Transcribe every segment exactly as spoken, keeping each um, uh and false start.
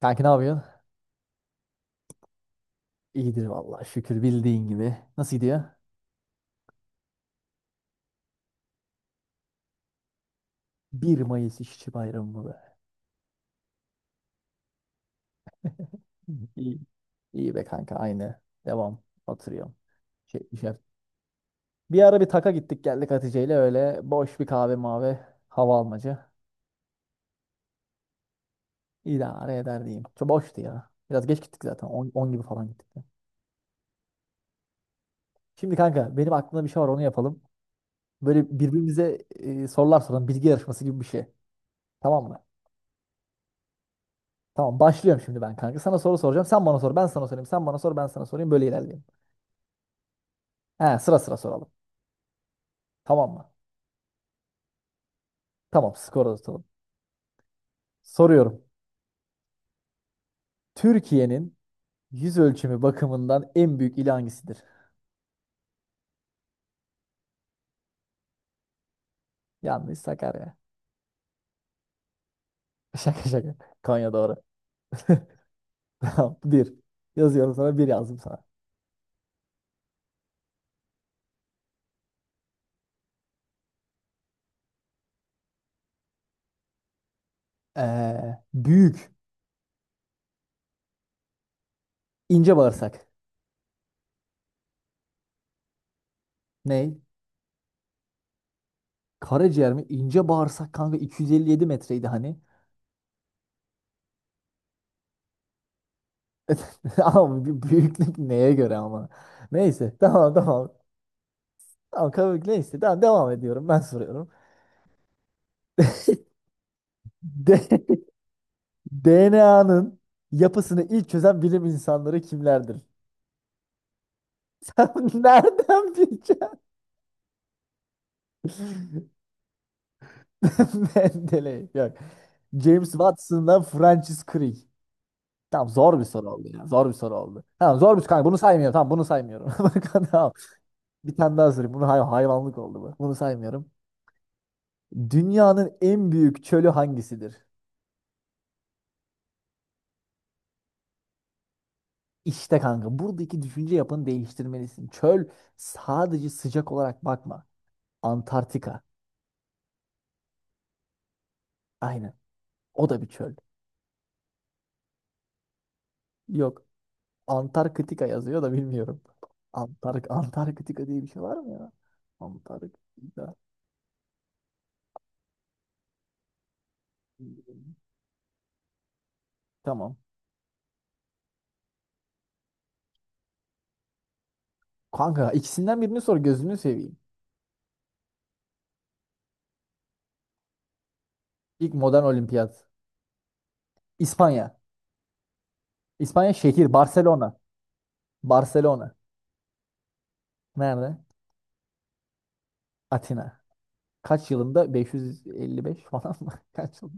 Kanka ne yapıyorsun? İyidir vallahi şükür bildiğin gibi. Nasıl gidiyor? bir Mayıs İşçi Bayramı mı be. İyi, iyi be kanka aynı. Devam. Oturuyorum. Şey, şey. Bir ara bir taka gittik geldik Hatice ile öyle boş bir kahve mavi hava almacı. İdare eder diyeyim. Çok boştu ya. Biraz geç gittik zaten. on, gibi falan gittik. De. Şimdi kanka benim aklımda bir şey var onu yapalım. Böyle birbirimize e, sorular soralım. Bilgi yarışması gibi bir şey. Tamam mı? Tamam, başlıyorum şimdi ben kanka. Sana soru soracağım. Sen bana sor. Ben sana sorayım. Sen bana sor. Ben sana sorayım. Böyle ilerleyelim. He, sıra sıra soralım. Tamam mı? Tamam, skor atalım. Soruyorum. Türkiye'nin yüz ölçümü bakımından en büyük ili hangisidir? Yanlış, Sakarya. Şaka şaka. Konya doğru. Tamam, bir. Yazıyorum sana, bir yazdım sana. Ee, büyük. İnce bağırsak. Ney? Karaciğer mi? İnce bağırsak kanka iki yüz elli yedi metreydi hani. Ama bu büyüklük neye göre ama. Neyse, tamam tamam. Tamam, kabul neyse. Tamam, devam ediyorum. Ben soruyorum. De D N A'nın yapısını ilk çözen bilim insanları kimlerdir? Sen nereden bileceksin? Mendeley. Yok. James Watson'dan Francis Crick. Tamam, zor bir soru oldu ya. Zor bir soru oldu. Tamam, zor bir soru kanka. Bunu saymıyorum. Tamam, bunu saymıyorum. Bak. Tamam. Bir tane daha sorayım. Bunu hay- hayvanlık oldu bu. Bunu saymıyorum. Dünyanın en büyük çölü hangisidir? İşte kanka buradaki düşünce yapını değiştirmelisin. Çöl sadece sıcak olarak bakma. Antarktika. Aynen. O da bir çöl. Yok. Antarktika yazıyor da bilmiyorum. Antark Antarktika diye bir şey var mı ya? Antarktika. Tamam. Kanka, ikisinden birini sor gözünü seveyim. İlk modern olimpiyat. İspanya. İspanya şehir. Barcelona. Barcelona. Nerede? Atina. Kaç yılında? beş yüz elli beş falan mı? Kaç yıl?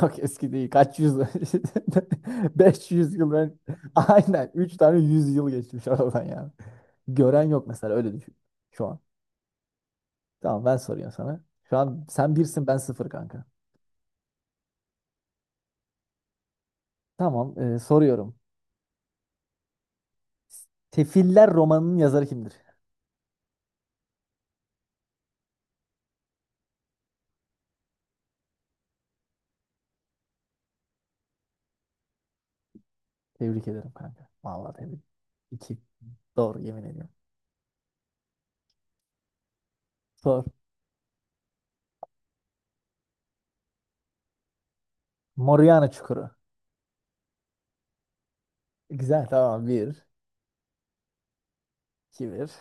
Çok eski değil. Kaç yüz? beş yüz yıl. ön- Aynen. Üç tane yüz yıl geçmiş aradan yani. Gören yok mesela, öyle düşün şu an. Tamam, ben soruyorum sana. Şu an sen birsin, ben sıfır kanka. Tamam, e, soruyorum. Tefiller romanının yazarı kimdir? Tebrik ederim kanka. Vallahi tebrik. İki. Doğru, yemin ediyorum. Sor. Moriana Çukuru. Güzel, tamam, bir. iki bir.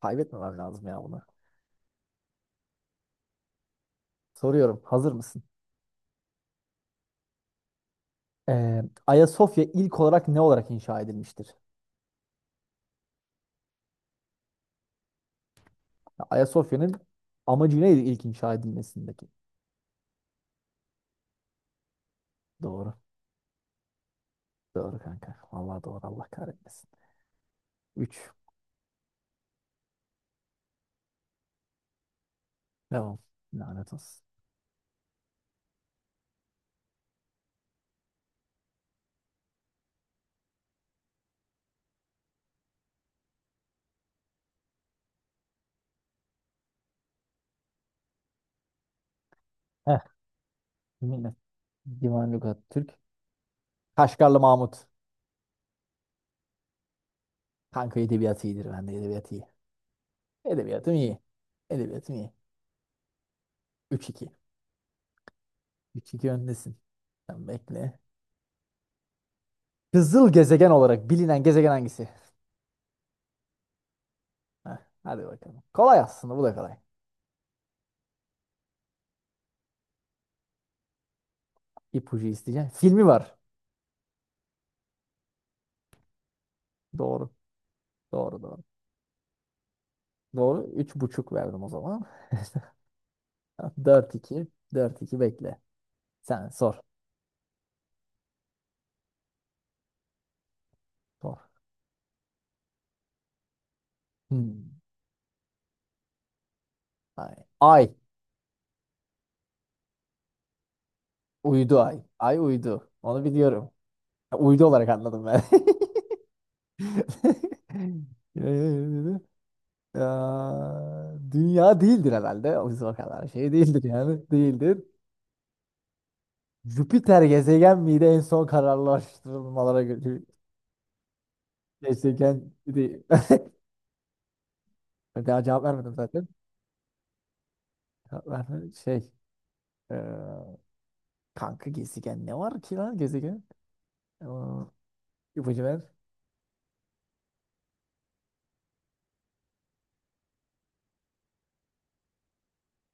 Kaybetmemem lazım ya bunu. Soruyorum, hazır mısın? Ee, Ayasofya ilk olarak ne olarak inşa edilmiştir? Ya, Ayasofya'nın amacı neydi ilk inşa edilmesindeki? Doğru. Doğru kanka. Vallahi doğru, Allah kahretmesin. Üç. Devam. Lanet olsun. Yine Divan Lügat Türk. Kaşgarlı Mahmut. Kanka edebiyat iyidir. Ben de edebiyat iyi. Edebiyatım iyi. Edebiyatım iyi. Üç iki. Üç iki. Öndesin. Sen bekle. Kızıl gezegen olarak bilinen gezegen hangisi? Heh, hadi bakalım. Kolay aslında, bu da kolay. İpucu isteyeceğim. Filmi var. Doğru. Doğru doğru. Doğru. Üç buçuk verdim o zaman. Dört iki. Dört iki. Bekle. Sen sor. Sor. Hmm. Ay. Ay. Uydu, ay. Ay uydu. Onu biliyorum. Uydu olarak anladım ben. Ee, ya, Dünya değildir herhalde. O yüzden o kadar şey değildir yani. Değildir. Jüpiter gezegen miydi en son kararlaştırılmalara göre? Gezegen değil. Daha cevap vermedim zaten. Cevap vermedim. Şey. e, kanka gezegen ne var ki lan gezegen? E, ipucu ver.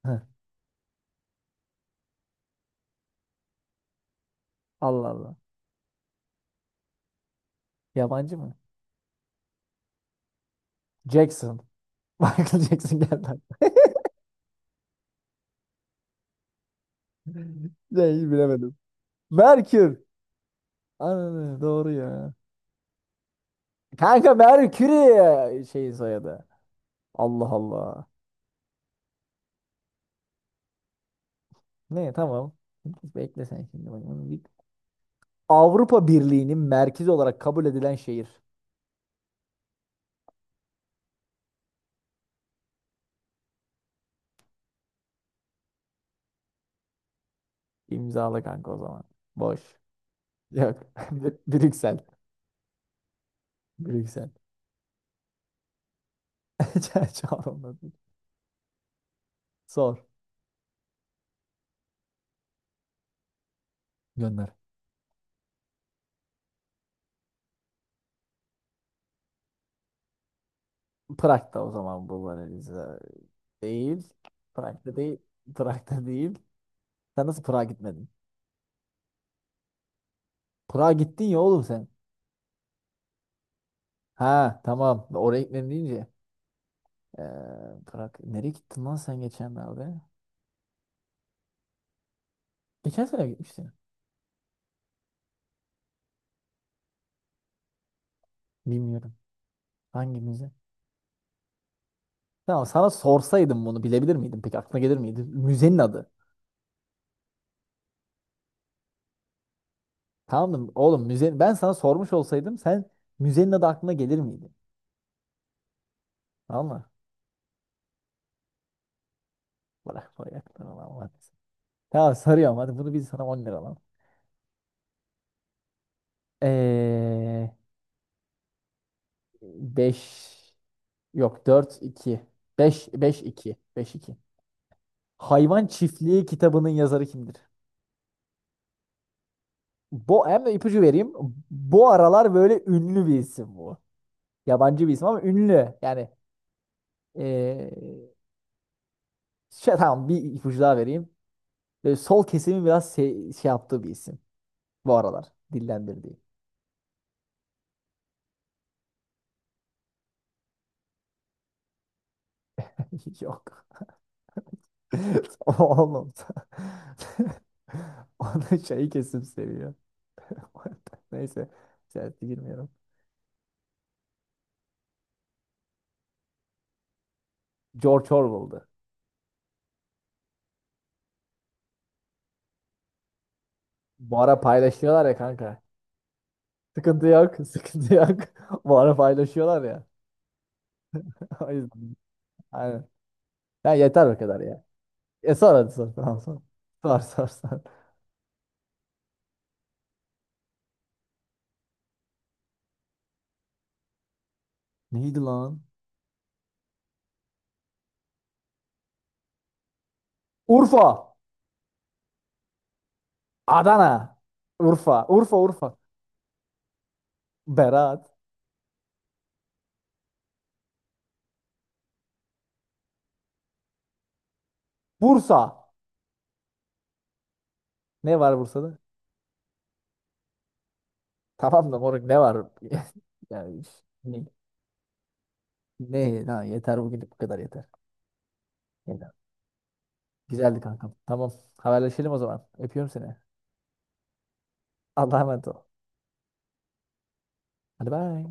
Heh, Allah Allah. Yabancı mı? Jackson. Michael Jackson geldi aklıma. Neyi bilemedim. Merkür. Aynen doğru ya. Kanka Merkür'ü şeyin soyadı. Allah Allah. Ne, tamam. Bekle sen şimdi. Bak bunu bir- Avrupa Birliği'nin merkezi olarak kabul edilen şehir. İmzalı kanka o zaman. Boş. Yok. Br- Brüksel. Brüksel. Çağrılmadı. Sor. Gönder. Prag'da o zaman bu var Eliza. Değil. Prag'da değil. Prag'da değil. Sen nasıl Prag'a gitmedin? Prag'a gittin ya oğlum sen. Ha, tamam. Oraya gitmedin deyince. Ee, Prag. Nereye gittin lan sen geçenlerde? Geçen sene gitmiştin. Bilmiyorum. Hangi müze? Tamam, sana sorsaydım bunu bilebilir miydin? Peki aklına gelir miydi? Müzenin adı. Tamam mı? Oğlum müze, ben sana sormuş olsaydım sen müzenin adı aklına gelir miydi? Tamam mı? Bırak buraya aklına lan. Lan. Tamam, sarıyorum hadi bunu, biz sana on lira lan. Ee, beş yok, dört iki, beş beş iki, beş iki. Hayvan Çiftliği kitabının yazarı kimdir? Bu hem de ipucu vereyim. Bu aralar böyle ünlü bir isim bu. Yabancı bir isim ama ünlü. Yani ee, şey, tamam, bir ipucu daha vereyim. Böyle sol kesimi biraz şey, şey yaptığı bir isim. Bu aralar dillendirdiği. Yok. Oğlum. Onu şey kesim seviyor. Neyse. Siyasete girmiyorum. George Orwell'dı. Bu ara paylaşıyorlar ya kanka. Sıkıntı yok. Sıkıntı yok. Bu ara paylaşıyorlar ya. O yüzden. Aynen. Ya yeter o kadar ya. E sor hadi sor. Tamam, sor. Sor sor sor. Neydi lan? Urfa. Adana. Urfa. Urfa Urfa. Berat. Bursa. Ne var Bursa'da? Tamam da moruk, ne var? Ya üf, ne? Ne? Ha, yeter bugünlük, bu kadar yeter. Yeter. Güzeldi kankam. Tamam. Haberleşelim o zaman. Öpüyorum seni. Allah'a emanet ol. Hadi bay.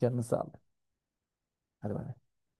Canını sağlık. Hadi bay.